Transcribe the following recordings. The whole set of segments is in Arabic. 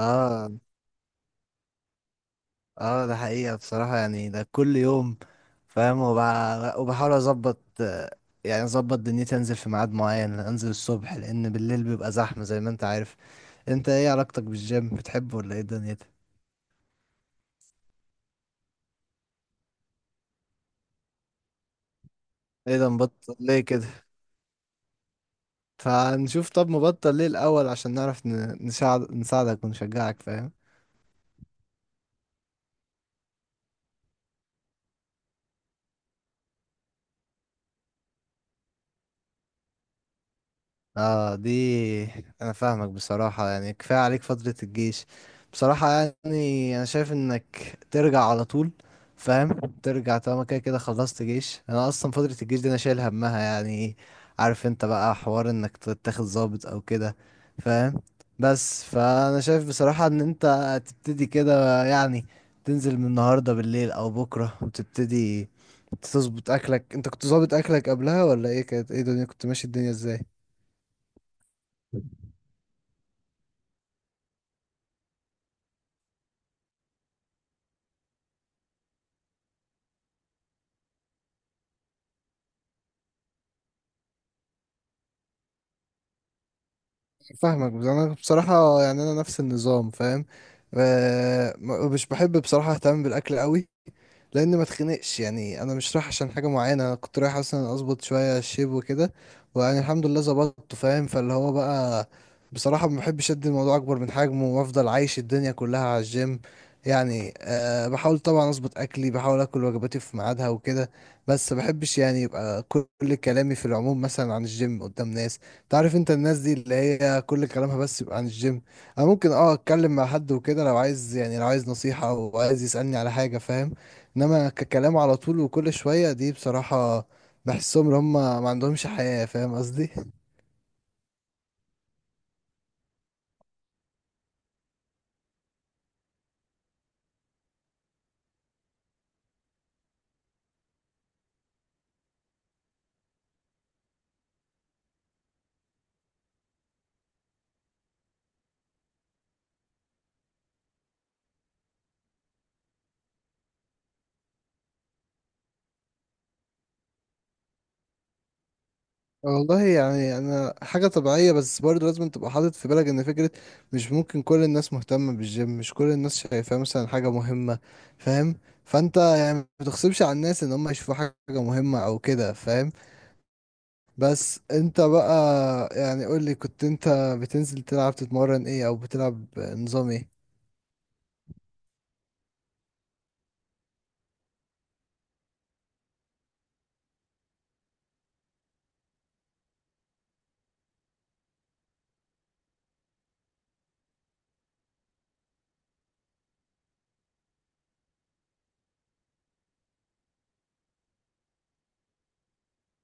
اه، اه، ده حقيقة بصراحة، يعني ده كل يوم، فاهم. وبحاول اظبط، يعني اظبط دنيتي، انزل في ميعاد معين، انزل الصبح لان بالليل بيبقى زحمة زي ما انت عارف. انت ايه علاقتك بالجيم؟ بتحبه ولا ايه دنيتك؟ ايه ده، مبطل ليه كده؟ فنشوف، طب مبطل ليه الاول عشان نعرف نساعدك ونشجعك، فاهم. اه، انا فاهمك بصراحة، يعني كفاية عليك فترة الجيش بصراحة. يعني انا شايف انك ترجع على طول، فاهم. ترجع طالما كده كده خلصت جيش. انا اصلا فترة الجيش دي انا شايل همها يعني. عارف انت بقى حوار انك تتاخد ضابط او كده، فاهم. بس فانا شايف بصراحة ان انت تبتدي كده يعني، تنزل من النهاردة بالليل او بكرة وتبتدي تظبط اكلك. انت كنت ظابط اكلك قبلها ولا ايه؟ كانت ايه الدنيا؟ كنت ماشي الدنيا ازاي؟ فاهمك، بس انا بصراحة يعني انا نفس النظام، فاهم. مش بحب بصراحة اهتم بالاكل قوي، لان ما اتخنقش. يعني انا مش رايح عشان حاجه معينه، انا كنت رايح اصلا اظبط شويه الشيب وكده، ويعني الحمد لله ظبطته، فاهم. فاللي هو بقى، بصراحه ما بحبش ادي الموضوع اكبر من حجمه، وافضل عايش الدنيا كلها على الجيم. يعني بحاول طبعا اظبط اكلي، بحاول اكل وجباتي في ميعادها وكده. بس ما بحبش يعني يبقى كل كلامي في العموم مثلا عن الجيم قدام ناس. تعرف انت الناس دي اللي هي كل كلامها بس يبقى عن الجيم. انا ممكن اتكلم مع حد وكده، لو عايز يعني، لو عايز نصيحه او عايز يسالني على حاجه، فاهم. انما ككلام على طول وكل شوية دي بصراحة، بحسهم ان هم ما عندهمش حياة، فاهم قصدي. والله يعني انا حاجة طبيعية، بس برضه لازم تبقى حاطط في بالك ان فكرة مش ممكن كل الناس مهتمة بالجيم، مش كل الناس شايفاه مثلا حاجة مهمة، فاهم. فانت يعني ما تغصبش على الناس ان هم يشوفوا حاجة مهمة او كده، فاهم. بس انت بقى، يعني قولي كنت انت بتنزل تلعب، تتمرن ايه او بتلعب نظام ايه؟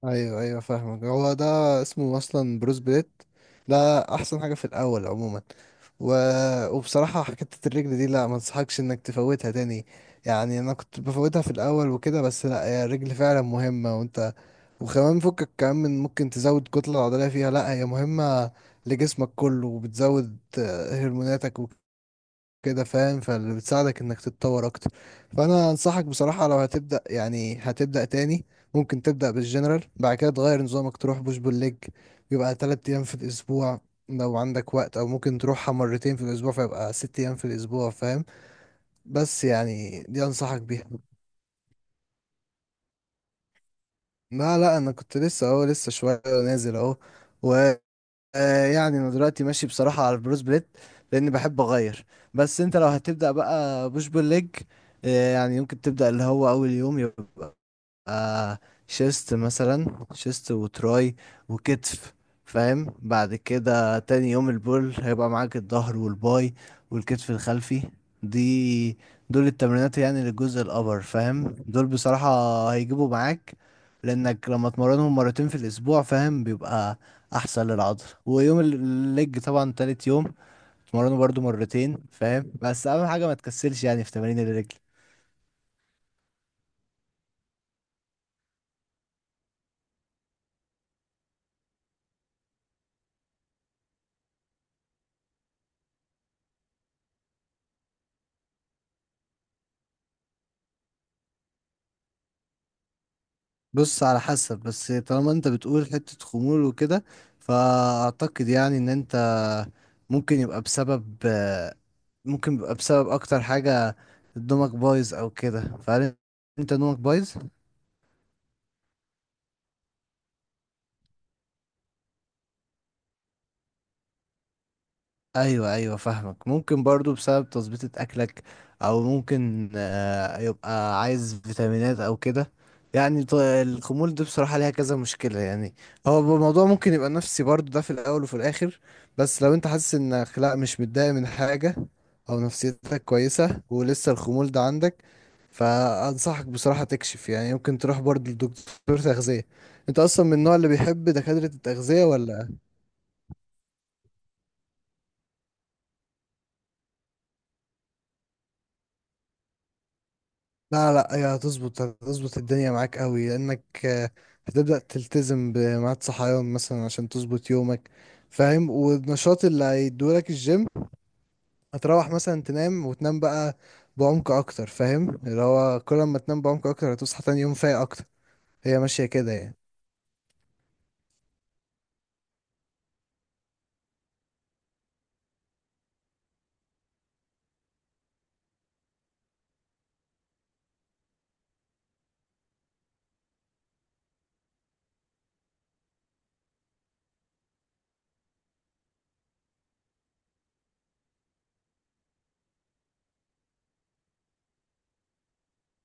ايوه، ايوه، فاهمك. هو ده اسمه اصلا بروس بليت. ده احسن حاجه في الاول عموما. و... وبصراحه حكايه الرجل دي، لا ما انصحكش انك تفوتها تاني. يعني انا كنت بفوتها في الاول وكده، بس لا هي الرجل فعلا مهمه. وانت وكمان فكك كمان من ممكن تزود كتله عضليه فيها، لا هي مهمه لجسمك كله، وبتزود هرموناتك كده، فاهم. فاللي بتساعدك انك تتطور اكتر، فانا انصحك بصراحة لو هتبدأ، يعني هتبدأ تاني، ممكن تبدأ بالجنرال، بعد كده تغير نظامك تروح بوش بول ليج، يبقى 3 ايام في الاسبوع لو عندك وقت، او ممكن تروحها مرتين في الاسبوع، فيبقى 6 ايام في الاسبوع، فاهم. بس يعني دي انصحك بيها. لا، لا، انا كنت لسه اهو، لسه شوية نازل اهو. آه، يعني انا دلوقتي ماشي بصراحة على البروس بليت، لاني بحب اغير. بس انت لو هتبدأ بقى بوش بول ليج، يعني يمكن تبدأ اللي هو اول يوم، آه شيست مثلا، شيست وتراي وكتف، فاهم. بعد كده تاني يوم البول هيبقى معاك الظهر والباي والكتف الخلفي. دي دول التمرينات يعني للجزء الأبر، فاهم. دول بصراحة هيجيبوا معاك، لأنك لما تمرنهم مرتين في الأسبوع، فاهم، بيبقى أحسن للعضل. ويوم الليج طبعا تالت يوم تمرنه برضو مرتين، فاهم. بس أهم حاجة ما تكسلش يعني في تمارين الليج. بص، على حسب. بس طالما انت بتقول حتة خمول وكده، فأعتقد يعني ان انت ممكن يبقى بسبب ممكن يبقى بسبب اكتر حاجة نومك بايظ او كده. فهل انت نومك بايظ؟ ايوه، ايوه، فاهمك. ممكن برضو بسبب تظبيطة اكلك، او ممكن يبقى عايز فيتامينات او كده. يعني الخمول دي بصراحة ليها كذا مشكلة يعني. هو الموضوع ممكن يبقى نفسي برضو ده في الاول وفي الاخر. بس لو انت حاسس انك لا، مش متضايق من حاجة، او نفسيتك كويسة ولسه الخمول ده عندك، فانصحك بصراحة تكشف. يعني ممكن تروح برضو لدكتور تغذية. انت اصلا من النوع اللي بيحب دكاترة التغذية ولا؟ لا، لا، هي هتظبط الدنيا معاك قوي، لانك هتبدأ تلتزم بميعاد صحيان مثلا عشان تظبط يومك، فاهم. والنشاط اللي هيدولك الجيم، هتروح مثلا تنام، وتنام بقى بعمق اكتر، فاهم. اللي هو كل ما تنام بعمق اكتر، هتصحى تاني يوم فايق اكتر. هي ماشية كده يعني.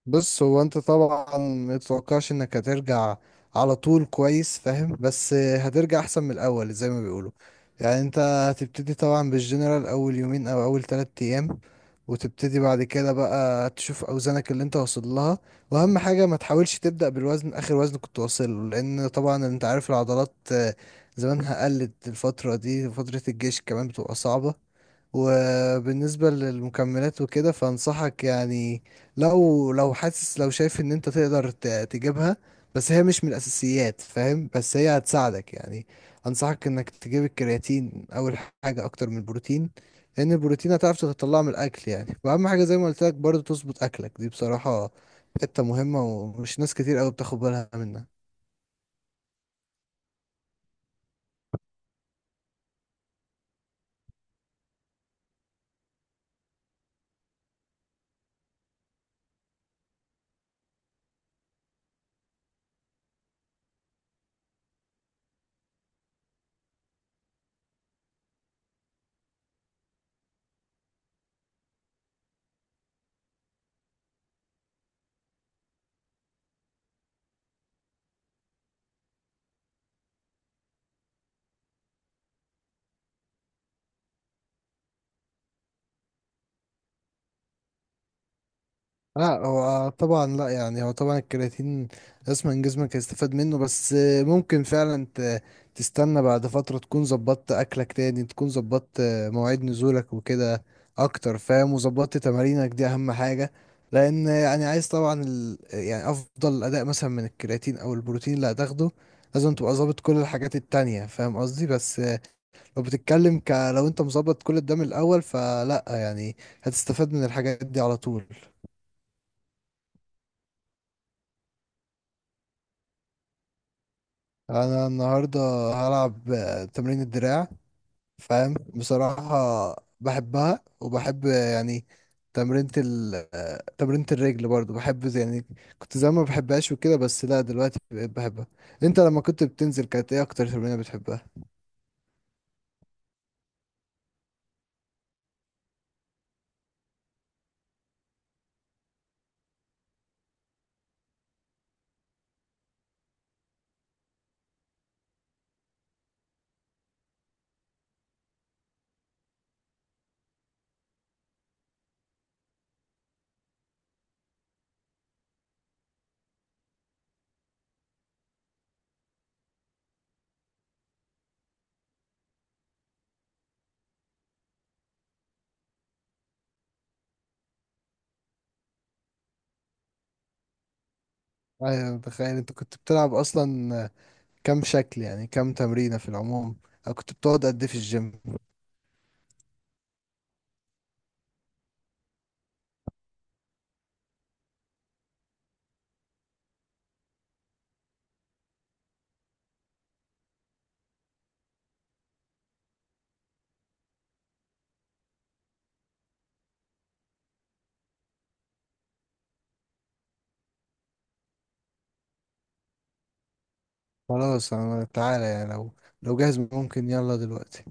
بص، هو انت طبعا متتوقعش انك هترجع على طول كويس، فاهم. بس هترجع احسن من الاول زي ما بيقولوا. يعني انت هتبتدي طبعا بالجنرال اول يومين او اول 3 ايام، وتبتدي بعد كده بقى تشوف اوزانك اللي انت واصل لها. واهم حاجة ما تحاولش تبدأ بالوزن، اخر وزن كنت واصل له، لان طبعا انت عارف العضلات زمانها قلت الفترة دي، فترة الجيش كمان بتبقى صعبة. وبالنسبة للمكملات وكده، فانصحك يعني، لو حاسس، لو شايف ان انت تقدر تجيبها، بس هي مش من الاساسيات، فاهم. بس هي هتساعدك يعني. انصحك انك تجيب الكرياتين اول حاجة اكتر من البروتين، لان البروتين هتعرف تطلعه من الاكل يعني. واهم حاجة زي ما قلت لك برضه، تظبط اكلك، دي بصراحة حتة مهمة، ومش ناس كتير قوي بتاخد بالها منها. لا، هو طبعا لا يعني، هو طبعا الكرياتين جسمك هيستفاد منه. بس ممكن فعلا تستنى بعد فترة، تكون ظبطت أكلك، تاني تكون ظبطت مواعيد نزولك وكده أكتر، فاهم. وظبطت تمارينك، دي أهم حاجة. لأن يعني عايز طبعا يعني أفضل أداء مثلا من الكرياتين أو البروتين اللي هتاخده، لازم تبقى ظابط كل الحاجات التانية، فاهم قصدي. بس لو بتتكلم لو أنت مظبط كل ده من الأول، فلا يعني هتستفاد من الحاجات دي على طول. انا النهارده هلعب تمرين الدراع، فاهم. بصراحه بحبها. وبحب يعني تمرينة ال آه، تمرينة الرجل برضو بحب، يعني كنت زمان ما بحبهاش وكده، بس لا دلوقتي بقيت بحبها. انت لما كنت بتنزل، كانت ايه اكتر تمرينة بتحبها؟ ايوه، متخيل. انت كنت بتلعب اصلا كام شكل يعني، كام تمرينة في العموم؟ أو كنت بتقعد قد ايه في الجيم؟ خلاص، انا تعالى يعني، لو جاهز ممكن، يلا دلوقتي.